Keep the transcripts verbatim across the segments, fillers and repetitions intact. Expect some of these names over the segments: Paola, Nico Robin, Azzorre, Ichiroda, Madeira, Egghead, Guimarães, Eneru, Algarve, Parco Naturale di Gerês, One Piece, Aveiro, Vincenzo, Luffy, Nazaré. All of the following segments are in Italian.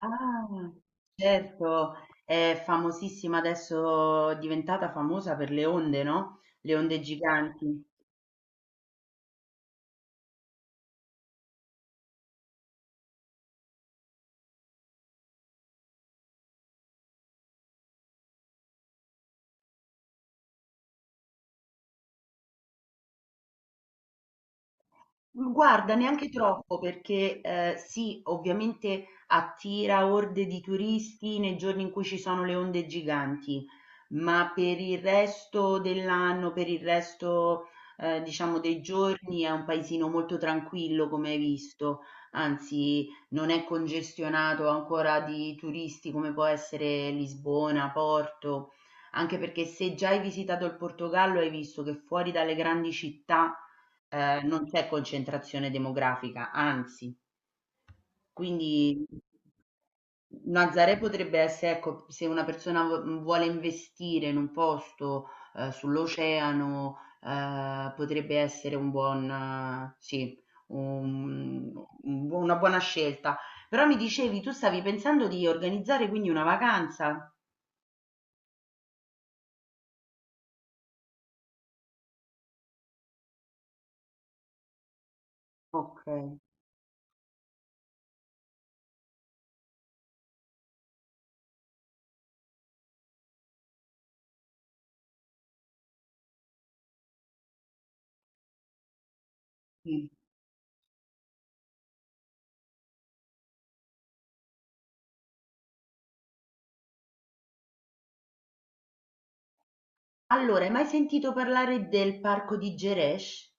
Ah, certo, è famosissima adesso, è diventata famosa per le onde, no? Le onde giganti. Guarda, neanche troppo perché eh, sì, ovviamente attira orde di turisti nei giorni in cui ci sono le onde giganti, ma per il resto dell'anno, per il resto eh, diciamo dei giorni è un paesino molto tranquillo, come hai visto, anzi non è congestionato ancora di turisti come può essere Lisbona, Porto, anche perché se già hai visitato il Portogallo hai visto che fuori dalle grandi città eh, non c'è concentrazione demografica, anzi, quindi Nazaré potrebbe essere, ecco, se una persona vu- vuole investire in un posto eh, sull'oceano, eh, potrebbe essere un buon, eh, sì, un- un bu- una buona scelta. Però mi dicevi, tu stavi pensando di organizzare quindi una vacanza? Ok. Sì. Allora, hai mai sentito parlare del parco di Geresh?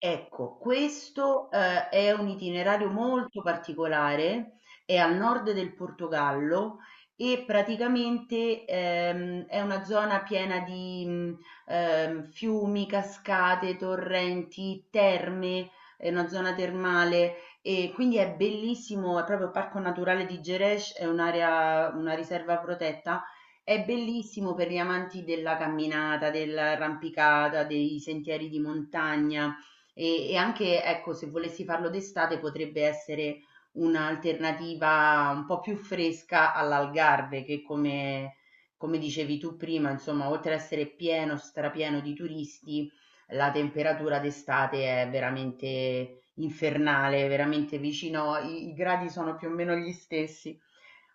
Ecco, questo, ehm, è un itinerario molto particolare, è al nord del Portogallo e praticamente, ehm, è una zona piena di, mhmm, ehm, fiumi, cascate, torrenti, terme, è una zona termale e quindi è bellissimo, è proprio il Parco Naturale di Gerês, è un'area una riserva protetta. È bellissimo per gli amanti della camminata, dell'arrampicata, dei sentieri di montagna. E, e anche, ecco, se volessi farlo d'estate potrebbe essere un'alternativa un po' più fresca all'Algarve, che come, come dicevi tu prima, insomma, oltre ad essere pieno, strapieno di turisti, la temperatura d'estate è veramente infernale, veramente vicino, i, i gradi sono più o meno gli stessi.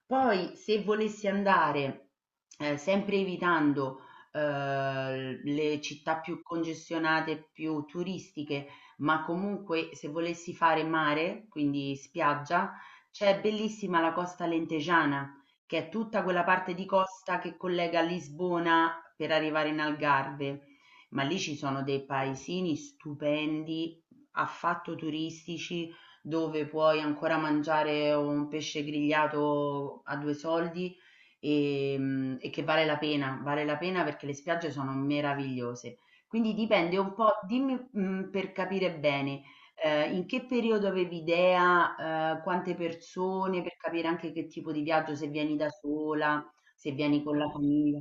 Poi, se volessi andare, eh, sempre evitando eh, le città più congestionate, più turistiche, ma comunque se volessi fare mare, quindi spiaggia, c'è bellissima la costa lentegiana, che è tutta quella parte di costa che collega Lisbona per arrivare in Algarve. Ma lì ci sono dei paesini stupendi, affatto turistici, dove puoi ancora mangiare un pesce grigliato a due soldi e, mm, e che vale la pena, vale la pena perché le spiagge sono meravigliose. Quindi dipende un po' dimmi, mhmm, per capire bene, ehm, in che periodo avevi idea, ehm, quante persone, per capire anche che tipo di viaggio, se vieni da sola, se vieni con la famiglia.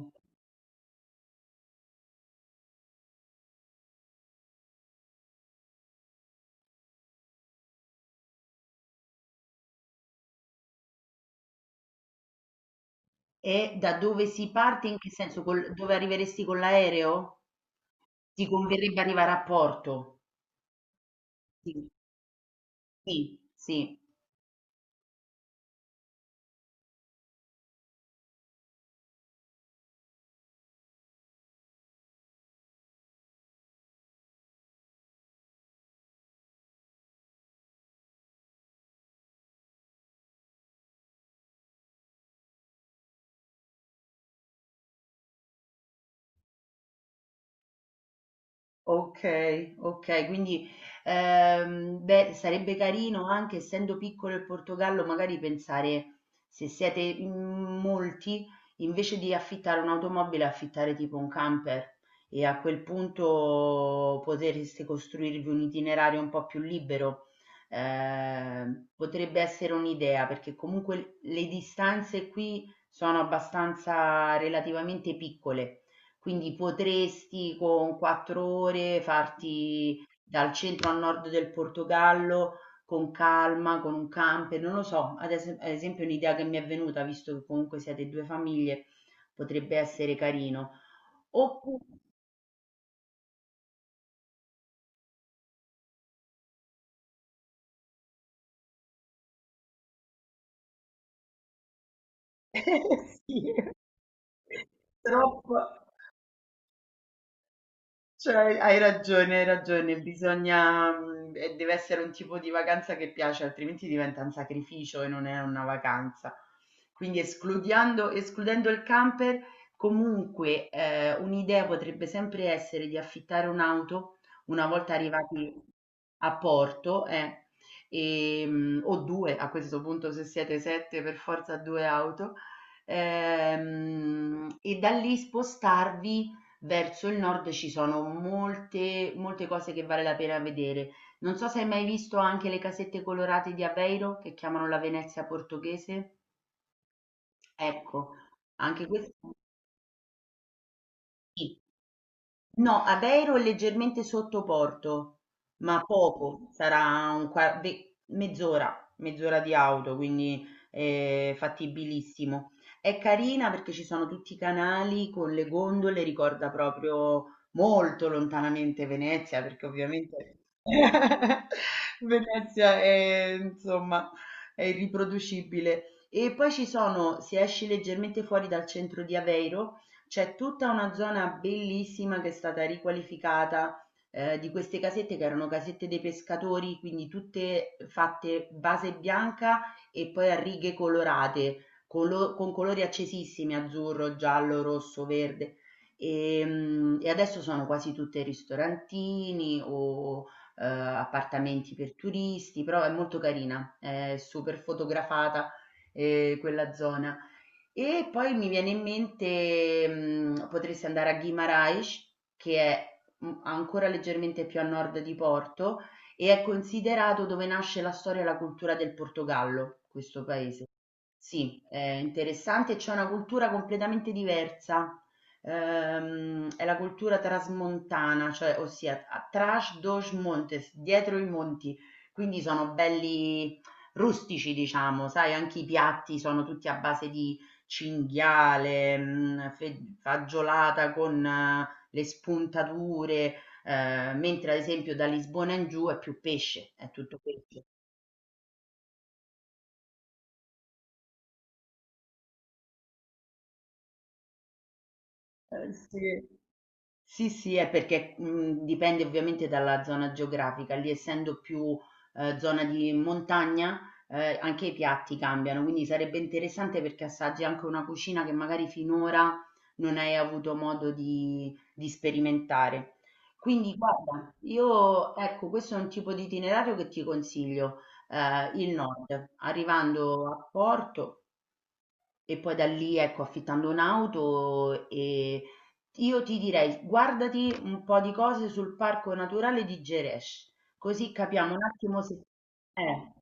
E da dove si parte, in che senso, col dove arriveresti con l'aereo? Ti converrebbe arrivare a Porto? Sì, sì, sì. Okay, okay, quindi, ehm, beh, sarebbe carino anche essendo piccolo il Portogallo, magari pensare se siete in molti, invece di affittare un'automobile, affittare tipo un camper e a quel punto potreste costruirvi un itinerario un po' più libero. Ehm, potrebbe essere un'idea, perché comunque le distanze qui sono abbastanza relativamente piccole. Quindi potresti con quattro ore farti dal centro al nord del Portogallo con calma, con un camper, non lo so, ad es- ad esempio un'idea che mi è venuta, visto che comunque siete due famiglie, potrebbe essere carino. Oppure sì, troppo. Cioè, hai ragione, hai ragione, bisogna, mhmm, e deve essere un tipo di vacanza che piace, altrimenti diventa un sacrificio e non è una vacanza. Quindi escludendo escludendo il camper, comunque, ehm, un'idea potrebbe sempre essere di affittare un'auto una volta arrivati a Porto, eh, ehm, o due a questo punto se siete sette per forza due auto, ehm, e da lì spostarvi verso il nord. Ci sono molte, molte cose che vale la pena vedere. Non so se hai mai visto anche le casette colorate di Aveiro, che chiamano la Venezia portoghese. Ecco, anche questo sì. No, Aveiro è leggermente sotto Porto, ma poco, sarà un qua- ve- mezz'ora, mezz'ora di auto, quindi è fattibilissimo. È carina perché ci sono tutti i canali con le gondole, ricorda proprio molto lontanamente Venezia, perché ovviamente Venezia è, insomma, è irriproducibile. E poi ci sono, se esci leggermente fuori dal centro di Aveiro, c'è tutta una zona bellissima che è stata riqualificata eh, di queste casette che erano casette dei pescatori, quindi tutte fatte base bianca e poi a righe colorate, colo- con colori accesissimi, azzurro, giallo, rosso, verde. E, mm, e adesso sono quasi tutte ristorantini o eh, appartamenti per turisti, però è molto carina, è super fotografata eh, quella zona. E poi mi viene in mente, mhmm, potresti andare a Guimarães, che è, mhmm, ancora leggermente più a nord di Porto e è considerato dove nasce la storia e la cultura del Portogallo, questo paese. Sì, è interessante, c'è una cultura completamente diversa, ehm, è la cultura trasmontana, cioè ossia a- tras dos montes, dietro i monti, quindi sono belli rustici, diciamo, sai, anche i piatti sono tutti a base di cinghiale, mh, fe- fagiolata con eh, le spuntature, eh, mentre ad esempio da Lisbona in giù è più pesce, è tutto pesce. Eh, sì. Sì, sì, è perché, mhmm, dipende ovviamente dalla zona geografica. Lì essendo più, ehm, zona di montagna, ehm, anche i piatti cambiano, quindi sarebbe interessante perché assaggi anche una cucina che magari finora non hai avuto modo di di sperimentare. Quindi guarda, io ecco, questo è un tipo di itinerario che ti consiglio, ehm, il nord, arrivando a Porto e poi da lì, ecco, affittando un'auto. E io ti direi, guardati un po' di cose sul parco naturale di Geresh, così capiamo un attimo se, eh,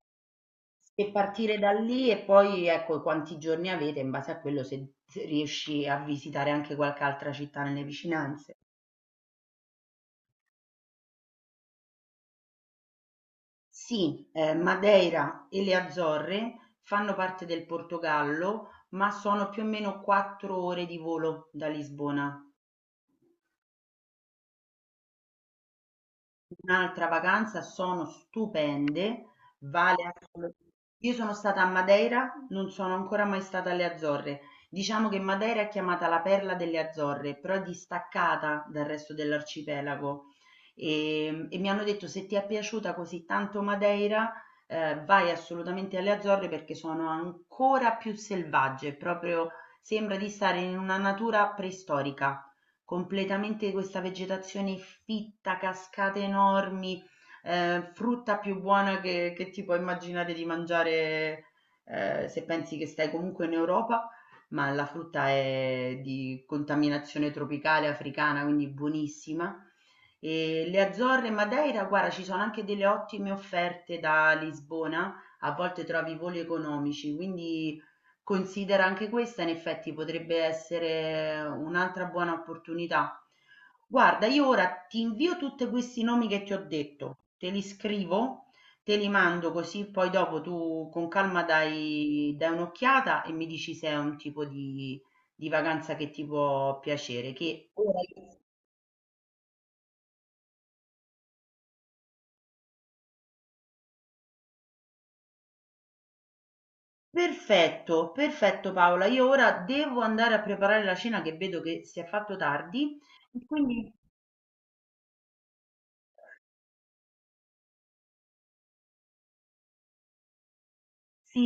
se partire da lì. E poi ecco quanti giorni avete, in base a quello se se riesci a visitare anche qualche altra città nelle vicinanze. Sì, eh, Madeira e le Azzorre fanno parte del Portogallo, ma sono più o meno quattro ore di volo da Lisbona. Un'altra vacanza, sono stupende, vale assolut io sono stata a Madeira, non sono ancora mai stata alle Azzorre. Diciamo che Madeira è chiamata la perla delle Azzorre, però è distaccata dal resto dell'arcipelago. Ehm, E, mi hanno detto se ti è piaciuta così tanto Madeira, eh, vai assolutamente alle Azzorre perché sono ancora più selvagge, proprio sembra di stare in una natura preistorica completamente, questa vegetazione fitta, cascate enormi, eh, frutta più buona che, che ti puoi immaginare di mangiare, eh, se pensi che stai comunque in Europa, ma la frutta è di contaminazione tropicale africana, quindi buonissima. E le Azzorre e Madeira, guarda, ci sono anche delle ottime offerte da Lisbona, a volte trovi voli economici, quindi considera anche questa. In effetti potrebbe essere un'altra buona opportunità. Guarda, io ora ti invio tutti questi nomi che ti ho detto, te li scrivo, te li mando così poi dopo tu con calma dai, dai un'occhiata e mi dici se è un tipo di, di vacanza che ti può piacere. Che ora... io- perfetto, perfetto Paola, io ora devo andare a preparare la cena che vedo che si è fatto tardi e quindi sì.